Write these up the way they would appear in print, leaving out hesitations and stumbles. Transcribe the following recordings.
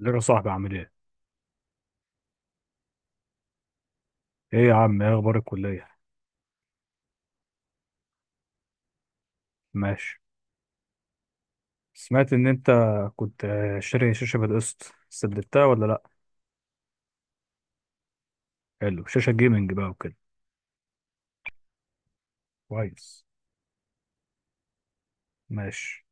ازيك يا صاحبي عامل ايه؟ ايه يا عم، ايه اخبار الكلية؟ ماشي. سمعت ان انت كنت، شاري شاشة بالقسط، سددتها ولا لا؟ حلو، شاشة جيمنج بقى وكده. كويس. ماشي.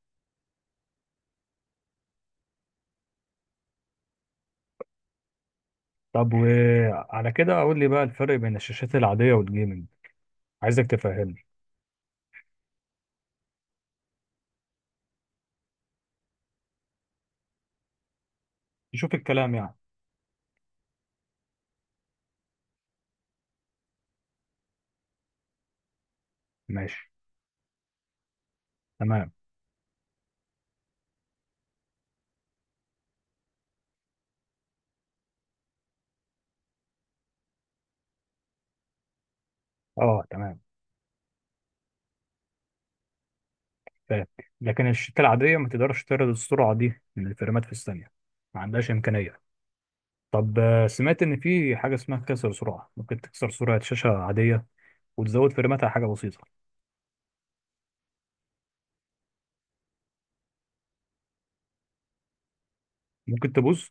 طب وعلى كده اقول لي بقى الفرق بين الشاشات العادية والجيمنج. عايزك تفهمني. تشوف الكلام يعني. ماشي، تمام. اه تمام. فاهم. لكن الشاشات العادية ما تقدرش تعرض السرعة دي من الفريمات في الثانية، ما عندهاش إمكانية. طب سمعت ان في حاجه اسمها كسر سرعه، ممكن تكسر سرعه شاشه عاديه وتزود فريماتها حاجه بسيطه؟ ممكن تبوظ؟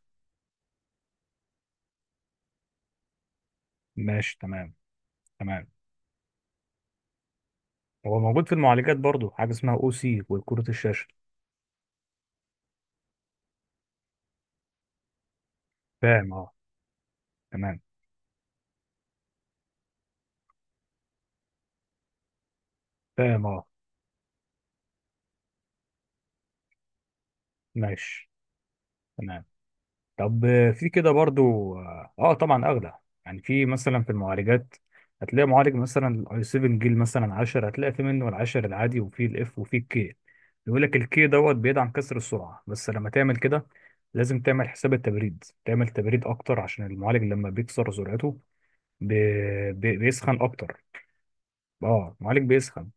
ماشي، تمام، تمام. هو موجود في المعالجات برضو، حاجه اسمها او سي، وكروت الشاشه. فاهم اه. تمام. فاهم اه. ماشي. تمام. طب في كده برضو، طبعا اغلى. يعني في مثلا في المعالجات، هتلاقي معالج مثلا الاي 7 جيل مثلا 10، هتلاقي في منه العشر العادي وفي الاف وفي الكي. يقول لك الكي دوت بيدعم كسر السرعه، بس لما تعمل كده لازم تعمل حساب التبريد، تعمل تبريد اكتر، عشان المعالج لما بيكسر سرعته بي... بيسخن اكتر. اه المعالج بيسخن،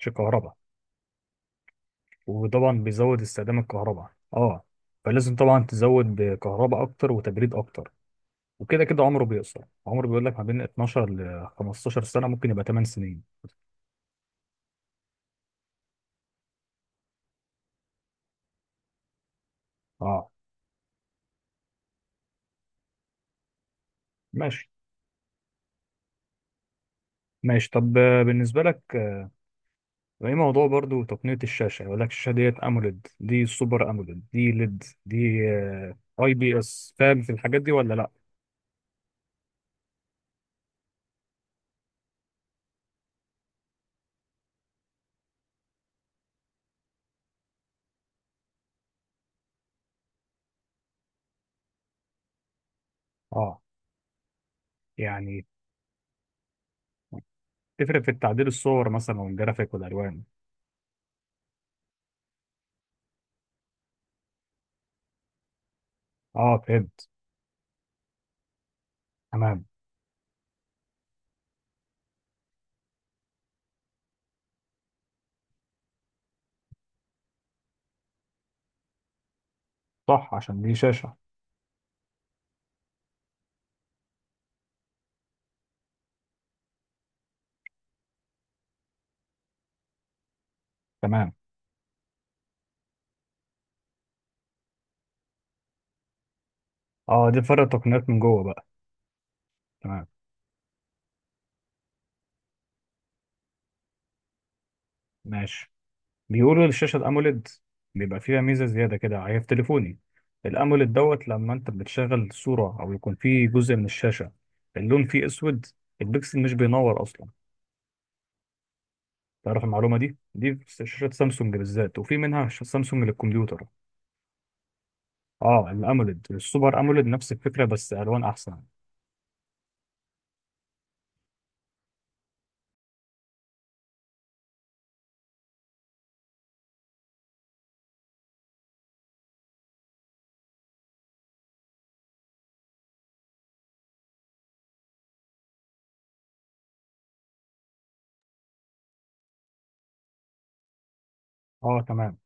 مش الكهرباء. وطبعا بيزود استخدام الكهرباء اه. فلازم طبعا تزود بكهرباء اكتر وتبريد اكتر. وكده كده عمره بيقصر. عمره بيقول لك ما بين 12 ل 15 سنه، ممكن يبقى 8 سنين. اه، ماشي، ماشي. طب بالنسبه لك، ايه موضوع برضو تقنيه الشاشه؟ يقول لك الشاشه ديت اموليد، دي سوبر اموليد، دي ليد، دي اي بي اس. فاهم في الحاجات دي ولا لا؟ اه يعني تفرق في التعديل الصور مثلا والجرافيك والالوان. اه فهمت. تمام. صح، عشان دي شاشه. تمام. اه دي فرق تقنيات من جوه بقى. تمام، ماشي. بيقولوا الشاشة الأموليد بيبقى فيها ميزة زيادة كده، هي في تليفوني. الأموليد دوت لما أنت بتشغل صورة أو يكون فيه جزء من الشاشة اللون فيه أسود، البكسل مش بينور أصلا. تعرف المعلومة دي؟ دي في شاشات سامسونج بالذات، وفي منها سامسونج للكمبيوتر. اه الأموليد، السوبر أموليد نفس الفكرة بس ألوان أحسن. اه تمام.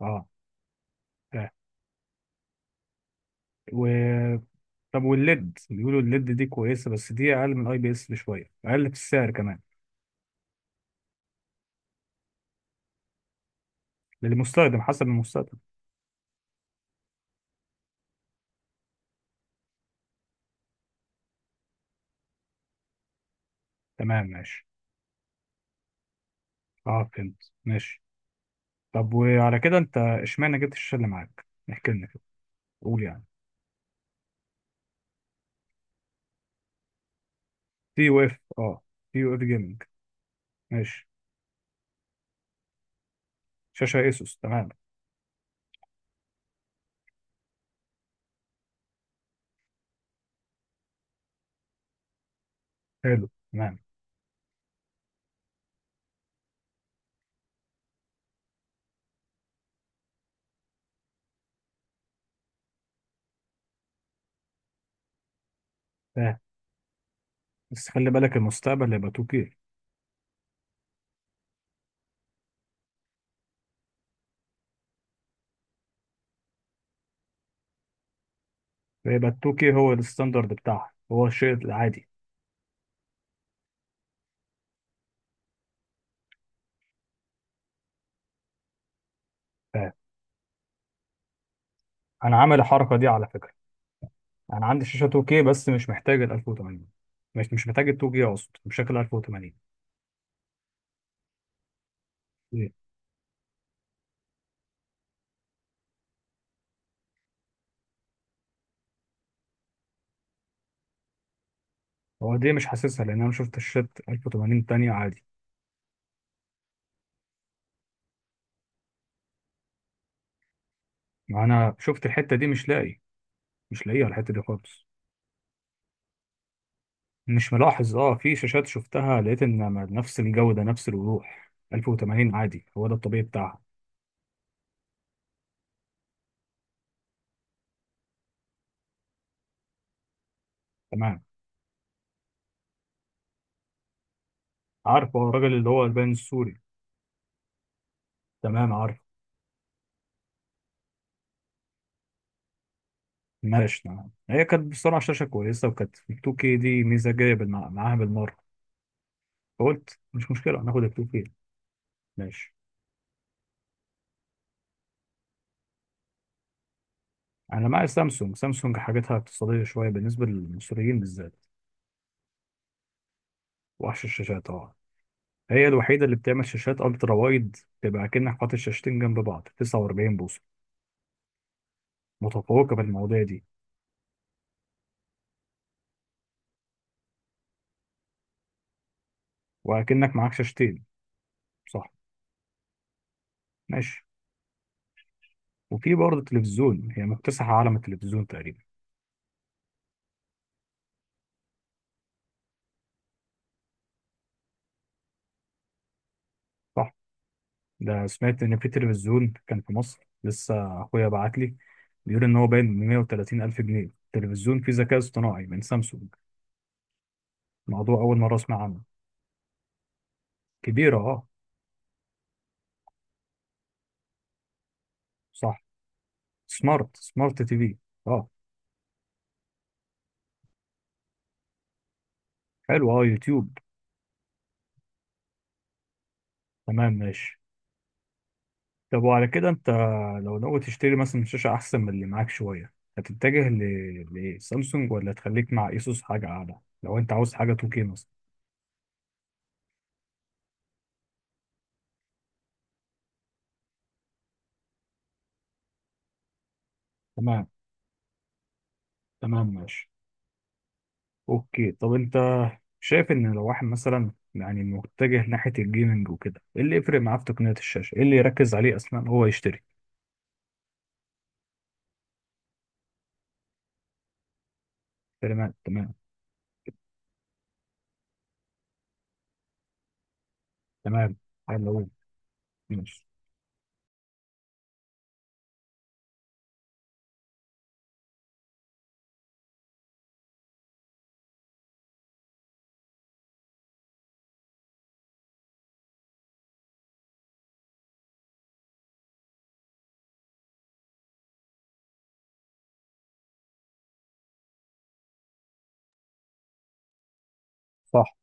اه فاهم. و طب والليد، بيقولوا الليد دي كويسة، بس دي أقل من أي بي إس بشوية، أقل في السعر كمان. للمستخدم، حسب المستخدم. تمام ماشي. اه فهمت ماشي. طب وعلى كده انت اشمعنى جبت الشاشه اللي معاك؟ احكي لنا كده، قول يعني. تي يو اف. اه. تي يو اف جيمنج. ماشي. شاشه ايسوس، تمام. حلو تمام. فاهم. بس خلي بالك المستقبل هيبقى 2K. هيبقى 2K هو الستاندرد بتاعها، هو الشيء العادي. فاهم. انا عامل الحركه دي على فكره. انا عندي شاشه 2K بس مش محتاج ال 1080. مش محتاج ال 2K، اقصد بشكل 1080. ليه؟ هو دي مش حاسسها لان انا شفت الشات 1080 تانية عادي. ما انا شفت الحته دي، مش لاقي. مش لاقيها الحتة دي خالص. مش ملاحظ. اه في شاشات شفتها لقيت ان، نفس الجودة، نفس الوضوح 1080 عادي، هو ده الطبيعي بتاعها. تمام، عارفه. هو الراجل اللي هو البان السوري؟ تمام عارفه. ماشي، تمام. هي كانت بصراحة شاشة كويسة، وكانت ال 2K دي ميزة جاية معاها بالمرة. فقلت مش مشكلة ناخد ال 2K. ماشي. انا معايا سامسونج. سامسونج حاجاتها اقتصادية شوية بالنسبة للمصريين بالذات. وحش الشاشات طبعا. هي الوحيدة اللي بتعمل شاشات الترا وايد، تبقى كأنك حاطط شاشتين جنب بعض، 49 بوصة. متفوقة في المواضيع دي. وأكنك معاك شاشتين. صح. ماشي. وفي برضه تلفزيون، هي مكتسحة عالم التلفزيون تقريبا. صح. ده سمعت إن في تلفزيون كان في مصر، لسه أخويا بعت لي، بيقول إن هو باين ب 130 ألف جنيه، تلفزيون فيه ذكاء اصطناعي من سامسونج. موضوع أول مرة أسمع عنه. كبيرة أه. صح. سمارت، سمارت تي في. أه. حلو أه، يوتيوب. تمام ماشي. طب وعلى كده انت لو ناوي تشتري مثلا شاشة احسن من اللي معاك شوية، هتتجه لسامسونج ولا تخليك مع ايسوس حاجة اعلى لو انت عاوز حاجة 2K مثلا؟ تمام، تمام، ماشي، اوكي. طب انت شايف ان لو واحد مثلا يعني متجه ناحية الجيمنج وكده، ايه اللي يفرق معاه في تقنية الشاشة، ايه اللي يركز عليه اصلا هو يشتري؟ تمام، تمام، تمام، حلو، ماشي. صح،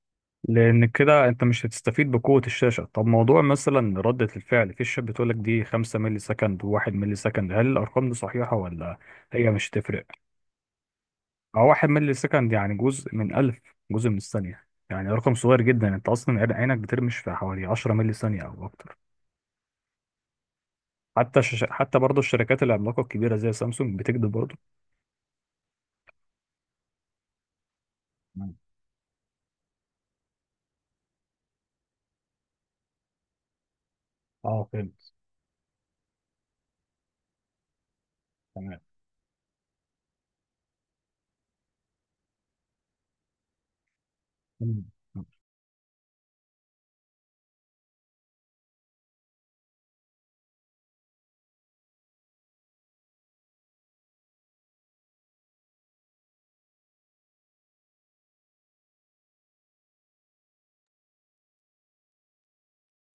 لان كده انت مش هتستفيد بقوه الشاشه. طب موضوع مثلا رده الفعل في الشات بتقول لك دي 5 مللي سكند و1 مللي سكند، هل الارقام دي صحيحه ولا؟ هي مش هتفرق؟ هو 1 مللي سكند يعني جزء من 1000، جزء من الثانيه، يعني رقم صغير جدا. انت اصلا عينك بترمش في حوالي 10 مللي ثانيه او اكتر. حتى برضه الشركات العملاقه الكبيره زي سامسونج بتكذب برضه. مم. اه فهمت. تمام. مم.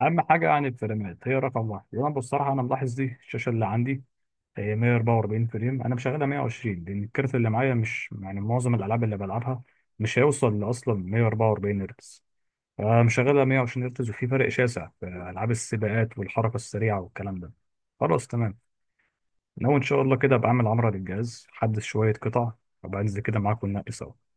اهم حاجه يعني الفريمات هي رقم واحد. يعني أنا بصراحه انا ملاحظ دي، الشاشه اللي عندي هي 144 فريم، انا مشغلها 120 لان الكارت اللي معايا مش، يعني معظم الالعاب اللي بلعبها مش هيوصل اصلا 144 هرتز، فمشغلها 120 هرتز، وفي فرق شاسع في العاب السباقات والحركه السريعه والكلام ده. خلاص تمام. ناوي ان شاء الله كده ابقى اعمل عمره للجهاز، حدث شويه قطع، وابقى انزل كده معاك وننقي سوا.